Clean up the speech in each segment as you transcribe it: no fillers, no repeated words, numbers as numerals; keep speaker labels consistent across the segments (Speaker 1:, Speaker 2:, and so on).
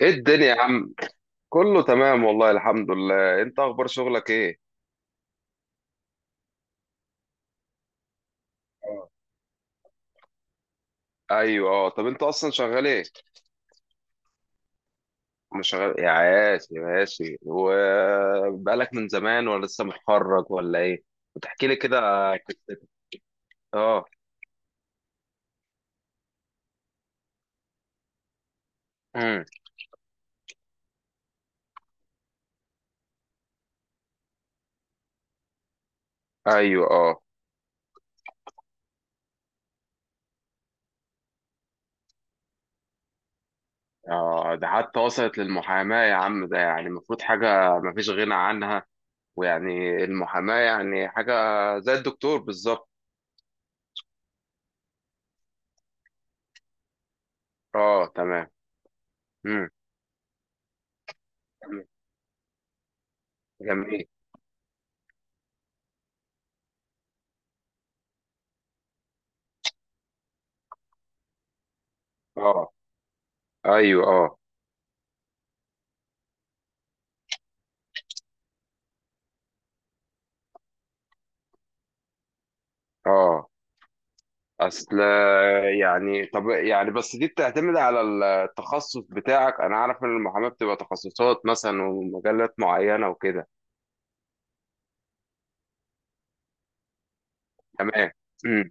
Speaker 1: ايه الدنيا يا عم؟ كله تمام والله، الحمد لله. انت اخبار شغلك ايه؟ اه. ايوه، اه. طب انت اصلا شغال ايه؟ مش شغال يا عاشي، ماشي. وبقالك من زمان ولا لسه متخرج ولا ايه؟ وتحكي لي كده قصتك. اه. امم. ايوه، اه، اه. ده حتى وصلت للمحاماه يا عم، ده يعني المفروض حاجه مفيش غنى عنها. ويعني المحاماه يعني حاجه زي الدكتور بالظبط. اه، تمام. امم. جميل. اه، ايوه، اه، اه. اصل يعني، طب، يعني بس دي بتعتمد على التخصص بتاعك. انا اعرف ان المحاماه بتبقى تخصصات مثلا ومجالات معينه وكده. تمام. امم.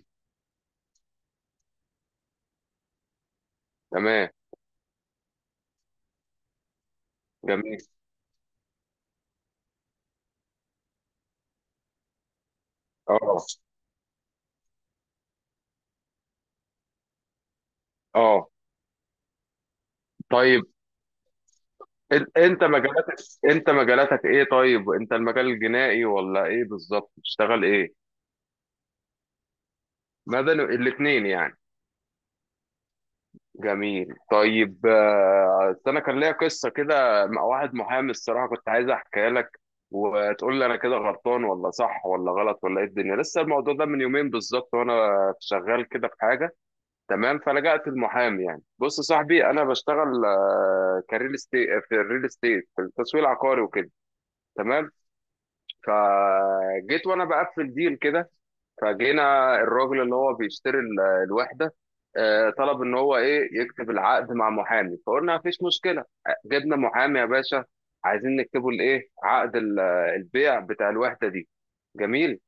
Speaker 1: تمام. جميل. اه، اه. طيب، إن- انت مجالاتك انت مجالاتك ايه؟ طيب انت المجال الجنائي ولا ايه بالظبط، بتشتغل ايه؟ مدني، الاثنين يعني. جميل. طيب، أصل انا كان ليا قصه كده مع واحد محامي، الصراحه كنت عايز احكيها لك وتقول لي انا كده غلطان ولا صح ولا غلط ولا ايه الدنيا. لسه الموضوع ده من يومين بالظبط، وانا شغال كده في حاجه. تمام. فلجأت المحامي، يعني بص يا صاحبي، انا بشتغل كريل استيت في الريل استيت، في التسويق العقاري وكده. تمام. فجيت وانا بقفل ديل كده، فجينا الراجل اللي هو بيشتري الوحده. طلب ان هو ايه يكتب العقد مع محامي، فقلنا مفيش مشكله. جبنا محامي يا باشا، عايزين نكتبه الايه، عقد البيع بتاع الوحده دي. جميل.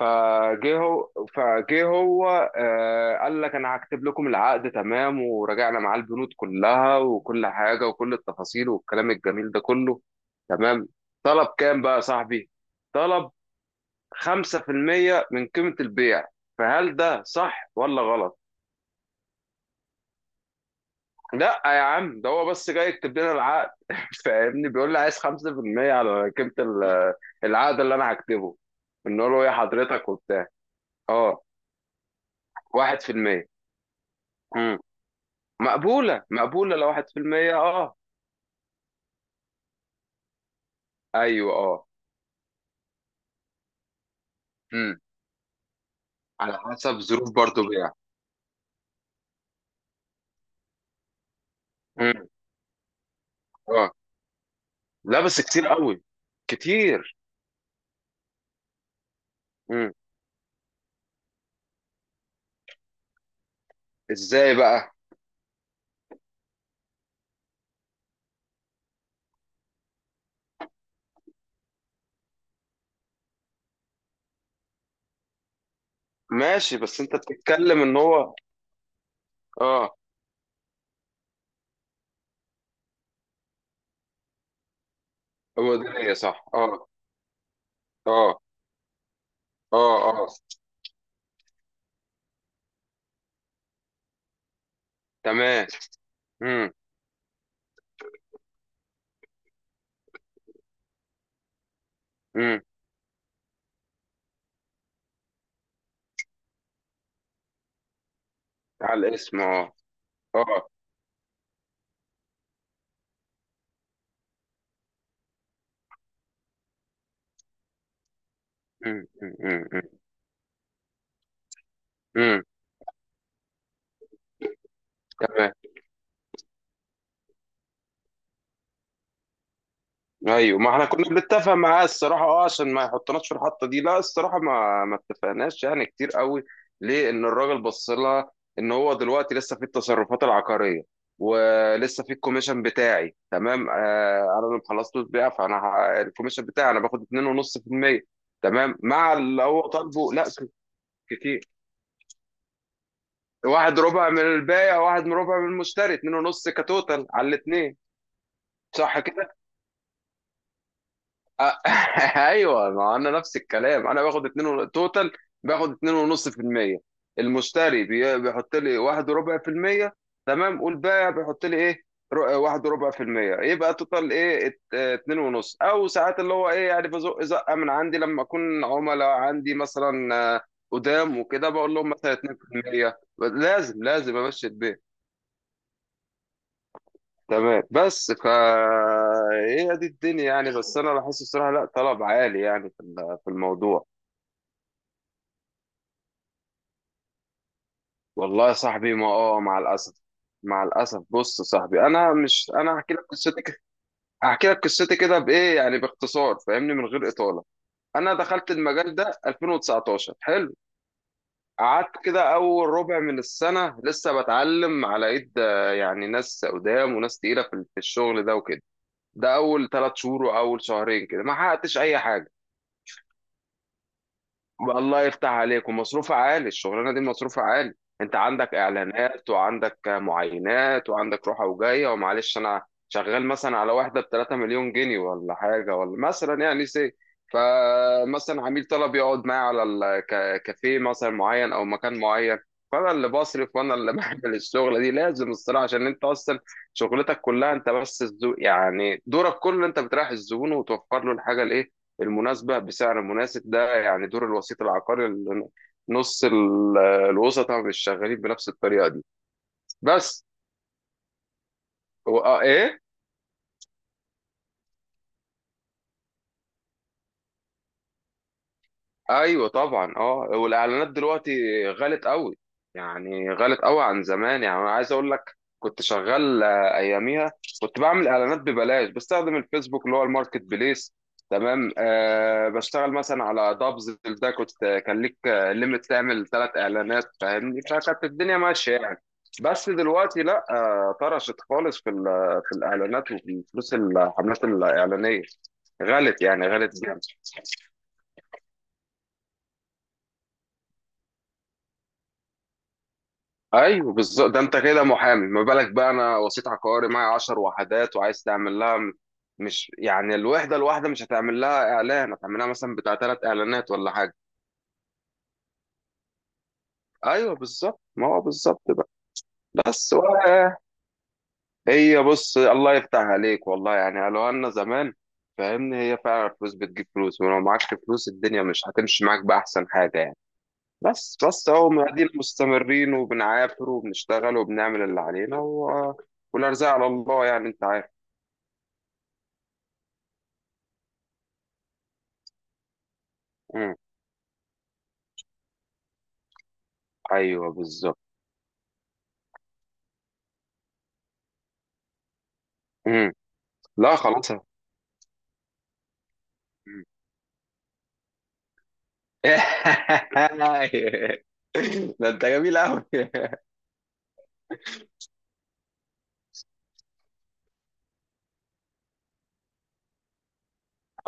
Speaker 1: فجه هو قال لك انا هكتب لكم العقد، تمام. وراجعنا معاه البنود كلها وكل حاجه وكل التفاصيل والكلام الجميل ده كله. تمام. طلب كام بقى يا صاحبي؟ طلب 5% من قيمة البيع. فهل ده صح ولا غلط؟ لا يا عم، ده هو بس جاي يكتب لنا العقد، فاهمني؟ بيقول لي عايز 5% على قيمة العقد اللي انا هكتبه. بنقول له ايه حضرتك وبتاع. اه. 1%. امم. مقبولة مقبولة لو 1%. اه، ايوه، اه. امم. على حسب ظروف برضو بيع. امم، اه. لا، بس كتير قوي، كتير. امم. ازاي بقى؟ ماشي، بس انت بتتكلم ان هو. اه. هو ده، هي صح، اه. اه، اه، اه، تمام. امم. امم. على الاسم، اه. اه. امم. امم. امم، تمام. ايوه، ما احنا كنا بنتفق معاه الصراحه اه، عشان ما يحطناش في الحطه دي. لا، الصراحه ما اتفقناش يعني كتير قوي. ليه ان الراجل بص لها ان هو دلوقتي لسه في التصرفات العقاريه، ولسه في الكوميشن بتاعي. تمام، انا اللي خلصت بيها، فانا الكوميشن بتاعي انا باخد 2.5%. تمام، مع اللي هو طالبه. لا، كتير. واحد ربع من البايع، واحد من ربع من المشتري، اتنين ونص كتوتال على الاتنين. صح كده؟ آه، ايوه، ما انا نفس الكلام، انا باخد اتنين توتال. باخد اتنين ونص في المية. المشتري بيحط لي واحد وربع في المية، تمام. والبائع بيحط لي ايه؟ واحد وربع في المية، يبقى توتال ايه؟ اتنين ونص. او ساعات اللي هو ايه يعني بزق زقة من عندي، لما اكون عملاء عندي مثلا قدام وكده، بقول لهم مثلا 2%، لازم لازم امشي البيع. تمام. بس ايه دي الدنيا يعني. بس انا بحس الصراحه لا، طلب عالي يعني في في الموضوع. والله يا صاحبي ما، مع الاسف، مع الاسف. بص يا صاحبي، انا مش انا هحكي لك قصتي كده بايه يعني، باختصار، فاهمني، من غير اطاله. انا دخلت المجال ده 2019. حلو. قعدت كده اول ربع من السنه لسه بتعلم على ايد، يعني ناس قدام وناس تقيله في الشغل ده وكده. ده اول 3 شهور واول شهرين كده ما حققتش اي حاجه. الله يفتح عليك. ومصروفها عالي الشغلانه دي، مصروفها عالي. انت عندك اعلانات وعندك معاينات وعندك روحه وجايه، ومعلش. انا شغال مثلا على واحده ب 3 مليون جنيه ولا حاجه، ولا مثلا يعني سي. فمثلا عميل طلب يقعد معايا على الكافيه مثلا معين او مكان معين. فانا اللي بصرف وانا اللي بعمل الشغله دي، لازم الصراحه، عشان انت اصلا شغلتك كلها انت، بس يعني دورك كله انت بتريح الزبون، وتوفر له الحاجه الايه المناسبة بسعر مناسب. ده يعني دور الوسيط العقاري، اللي نص الوسطاء مش شغالين بنفس الطريقة دي. بس ايه. ايوه طبعا، اه. والاعلانات دلوقتي غلت قوي، يعني غلت قوي عن زمان. يعني انا عايز اقول لك، كنت شغال اياميها كنت بعمل اعلانات ببلاش، بستخدم الفيسبوك اللي هو الماركت بليس. تمام، بشتغل مثلا على دابز. ده كنت كان ليك ليميت تعمل 3 اعلانات، فاهمني. فكانت الدنيا ماشيه يعني. بس دلوقتي لا، طرشت خالص في في الاعلانات. وفي فلوس الحملات الاعلانيه غلت، يعني غلت جامد. ايوه بالظبط. ده انت كده محامي، ما بالك بقى انا وسيط عقاري معايا 10 وحدات وعايز تعمل لها مش يعني الوحده الواحده مش هتعمل لها اعلان، هتعمل لها مثلا بتاع ثلاث اعلانات ولا حاجه. ايوه بالظبط، ما هو بالظبط بقى. بس ولا. هي، بص الله يفتح عليك والله، يعني قالوا لنا زمان. فاهمني، هي فعلا الفلوس بتجيب فلوس، ولو معكش فلوس الدنيا مش هتمشي معاك باحسن حاجه يعني. بس بس اهو قاعدين مستمرين وبنعافر وبنشتغل وبنعمل اللي علينا و... والارزاق على الله يعني، انت عارف. مم. ايوه بالظبط. مم. لا خلاص. مم. ده انت جميل قوي.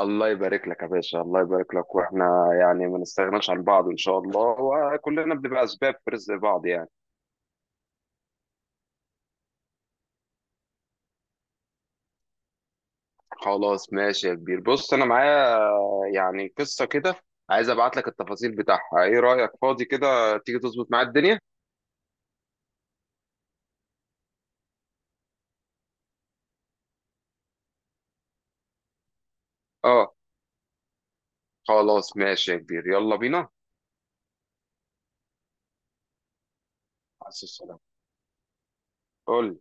Speaker 1: الله يبارك لك يا باشا، الله يبارك لك. واحنا يعني ما نستغناش عن بعض ان شاء الله، وكلنا بنبقى اسباب في رزق بعض يعني. خلاص، ماشي يا كبير. بص انا معايا يعني قصة كده، عايز ابعت لك التفاصيل بتاعها. ايه رأيك؟ فاضي كده تيجي تظبط معايا الدنيا؟ اه. خلاص، ماشي يا كبير، يلا بينا. على السلامة. قول لي.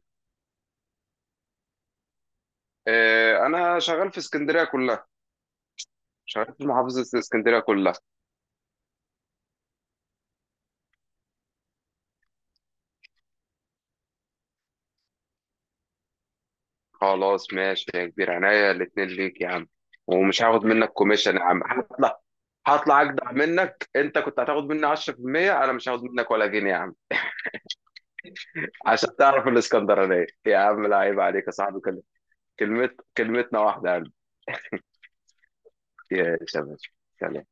Speaker 1: انا شغال في اسكندرية كلها. مش عارف، محافظة اسكندرية كلها. خلاص، ماشي يا كبير، عينيا الاتنين ليك يا عم. ومش هاخد منك كوميشن يا عم، هطلع هطلع اجدع منك. انت كنت هتاخد مني 10%، انا مش هاخد منك ولا جنيه يا عم. عشان تعرف الاسكندرانية يا عم، لا عيب عليك يا صاحبي. كلمة، كلمتنا واحدة يا قلبي. يا شباب، سلام.